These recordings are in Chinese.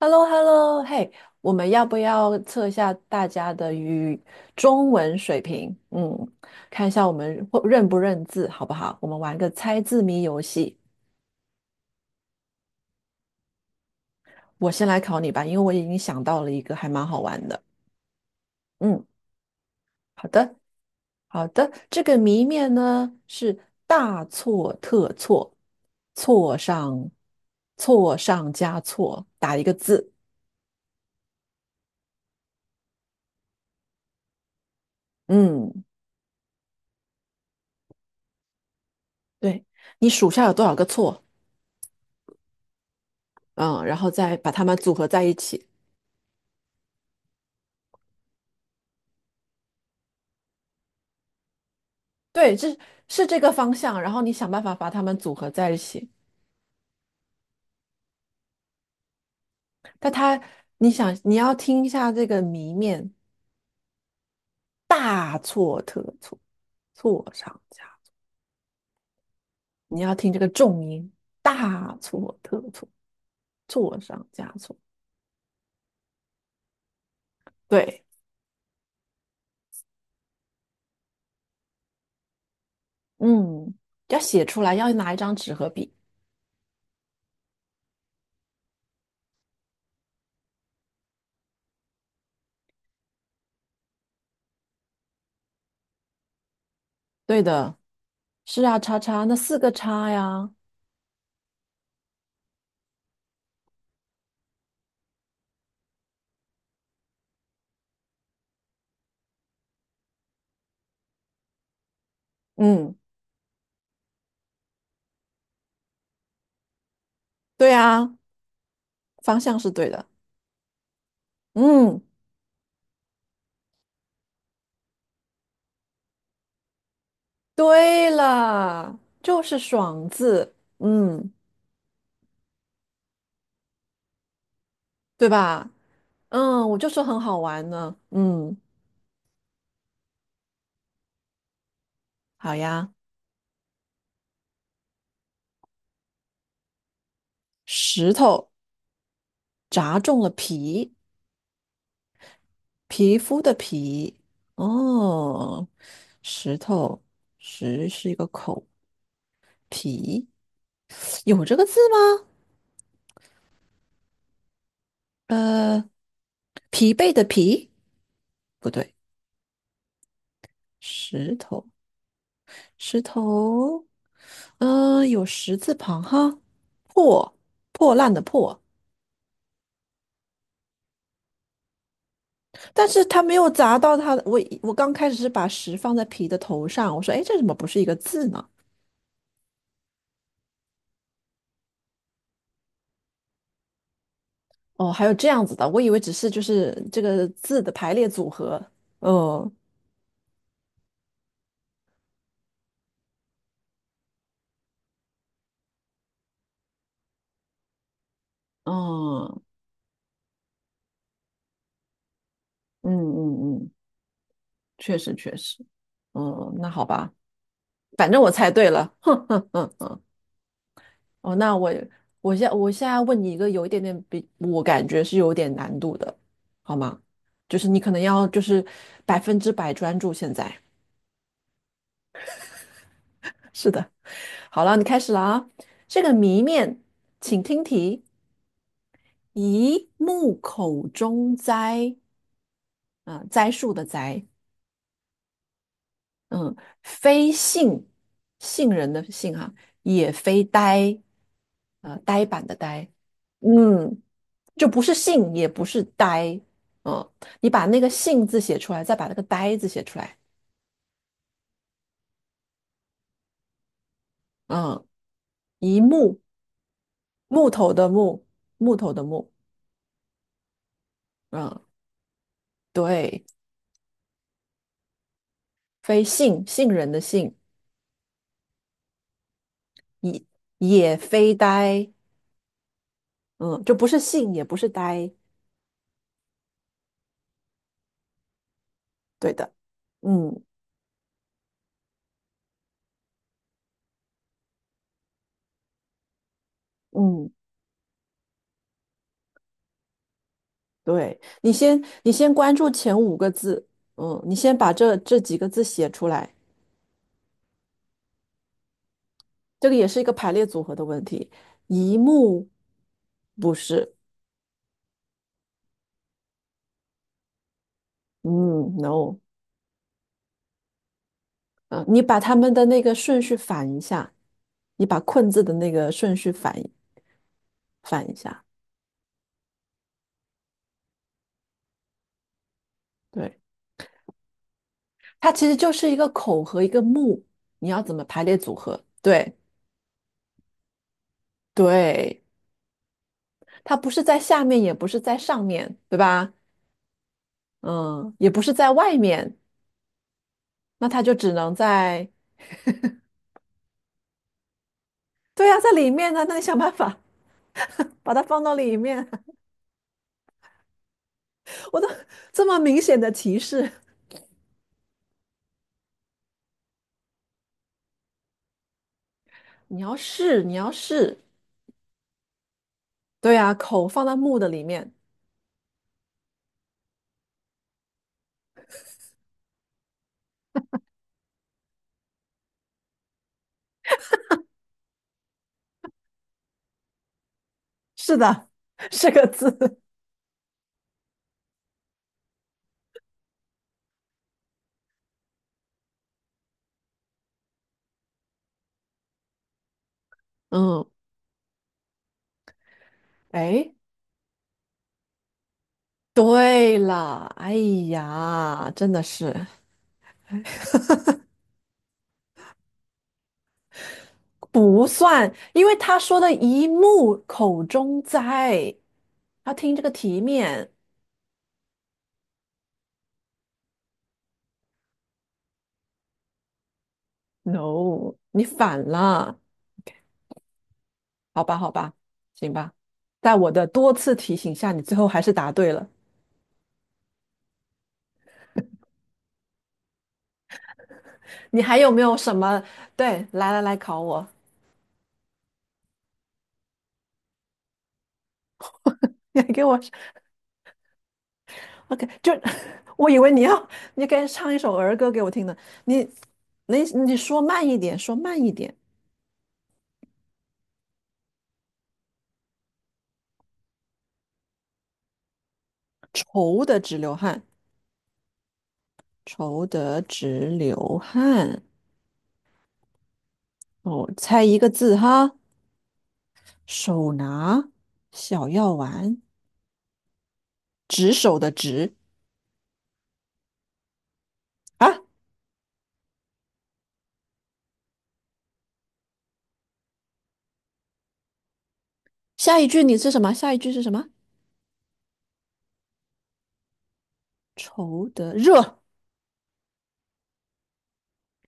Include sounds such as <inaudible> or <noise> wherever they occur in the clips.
h e l l o h e l l o 嘿，我们要不要测一下大家的语中文水平？嗯，看一下我们会认不认字，好不好？我们玩个猜字谜游戏。我先来考你吧，因为我已经想到了一个还蛮好玩的。嗯，好的，好的。这个谜面呢是大错特错，错上错上加错，打一个字。嗯，对，你数下有多少个错？嗯，然后再把它们组合在一起。对，这是这个方向，然后你想办法把它们组合在一起。但它，你要听一下这个谜面，大错特错，错上加，你要听这个重音，大错特错，错上加错。对，嗯，要写出来，要拿一张纸和笔。对的，是啊，叉叉，那四个叉呀，嗯，对啊，方向是对的，嗯。对了，就是爽字，对吧？我就说很好玩呢。嗯，好呀。石头砸中了皮，皮肤的皮。哦，石头，石是一个口，皮有这个字吗？呃，疲惫的疲，不对，石头，石头，有石字旁哈，破，破烂的破。但是它没有砸到它的。我刚开始是把十放在皮的头上，我说，哎，这怎么不是一个字呢？哦，还有这样子的，我以为只是就是这个字的排列组合。哦哦，嗯嗯嗯，确实确实。那好吧，反正我猜对了。<laughs> 哼哼哼哼。哦，那我我现在问你一个有一点点比我感觉是有点难度的，好吗？就是你可能要就是百分之百专注现在。<laughs> 是的。好了，你开始了啊。这个谜面，请听题：一木口中栽，啊、栽树的栽，嗯，非杏，杏仁的杏哈、也非呆，呆板的呆，嗯，就不是杏，也不是呆，嗯，你把那个杏字写出来，再把那个呆字写出来，嗯，一木，木头的木，木头的木，嗯，对，非杏，杏仁的杏。也也非呆，嗯，就不是信，也不是呆，对的，嗯嗯，对，你先关注前五个字，你先把这几个字写出来，这个也是一个排列组合的问题，一目不是，嗯，no，嗯，你把他们的那个顺序反一下，你把困字的那个顺序反一下，对，它其实就是一个口和一个目，你要怎么排列组合？对。对，它不是在下面，也不是在上面，对吧？嗯，也不是在外面，那它就只能在，对呀、在里面呢。那你想办法把它放到里面。<laughs> 我都这么明显的提示，你要试，你要试。对呀、口放在木的里面。是的，<laughs> 是个字。嗯，哎，对了，哎呀，真的是不算，因为他说的一木口中栽，要听这个题面。No，你反了，好吧，好吧，行吧，在我的多次提醒下，你最后还是答对了。你还有没有什么？对，来来来，考我，<laughs> 你还给我，OK，就 <laughs> 我以为你要，你该唱一首儿歌给我听呢。你，你说慢一点，说慢一点。愁得直流汗，愁得直流汗。哦，猜一个字哈，手拿小药丸，执手的执啊。下一句你是什么？下一句是什么？愁得热。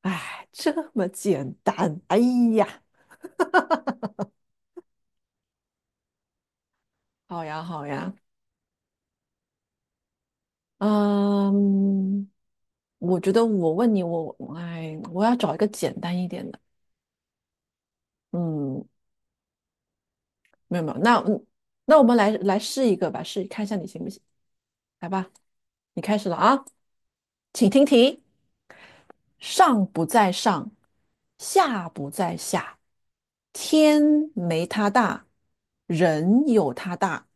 哎，这么简单。哎呀，好呀，好呀。嗯，我觉得我问你，我哎，我要找一个简单一点的。嗯，没有没有，那我们来试一个吧，试看一下你行不行？来吧，你开始了啊，请听题：上不在上，下不在下，天没他大，人有他大，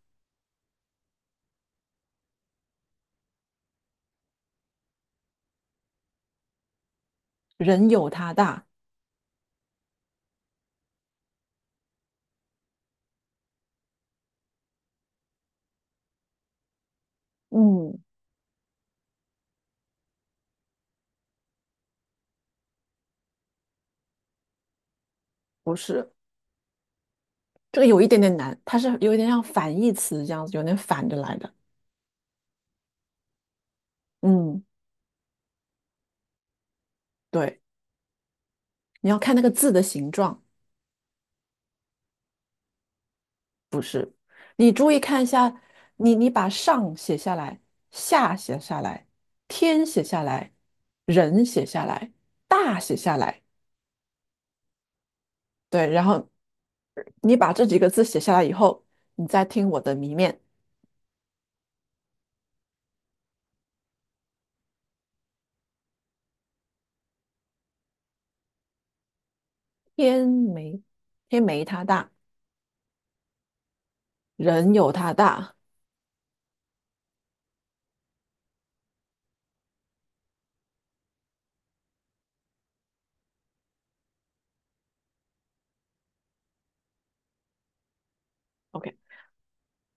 人有他大。嗯，不是，这个有一点点难，它是有一点像反义词这样子，有点反着来的。嗯，对，你要看那个字的形状，你注意看一下，你把上写下来，下写下来，天写下来，人写下来，大写下来，对，然后你把这几个字写下来以后，你再听我的谜面，天没天没它大，人有它大。OK，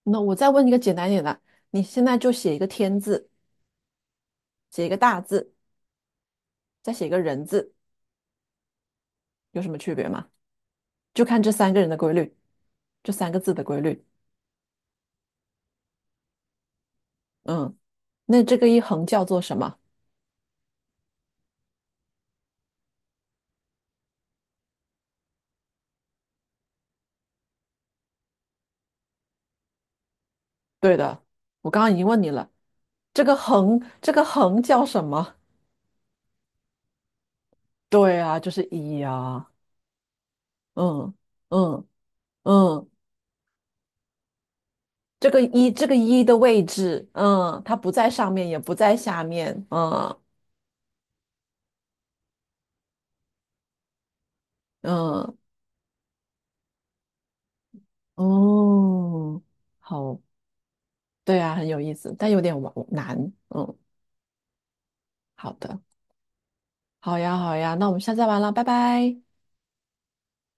那我再问一个简单一点的，你现在就写一个天字。写一个大字，再写一个人字，有什么区别吗？就看这三个人的规律，这三个字的规律。嗯，那这个一横叫做什么？对的，我刚刚已经问你了，这个横叫什么？对啊，就是一呀。嗯嗯嗯，这个一的位置，它不在上面，也不在下面。嗯嗯哦，好，对啊，很有意思，但有点难。嗯，好的。好呀，好呀，那我们下次再玩了，拜拜。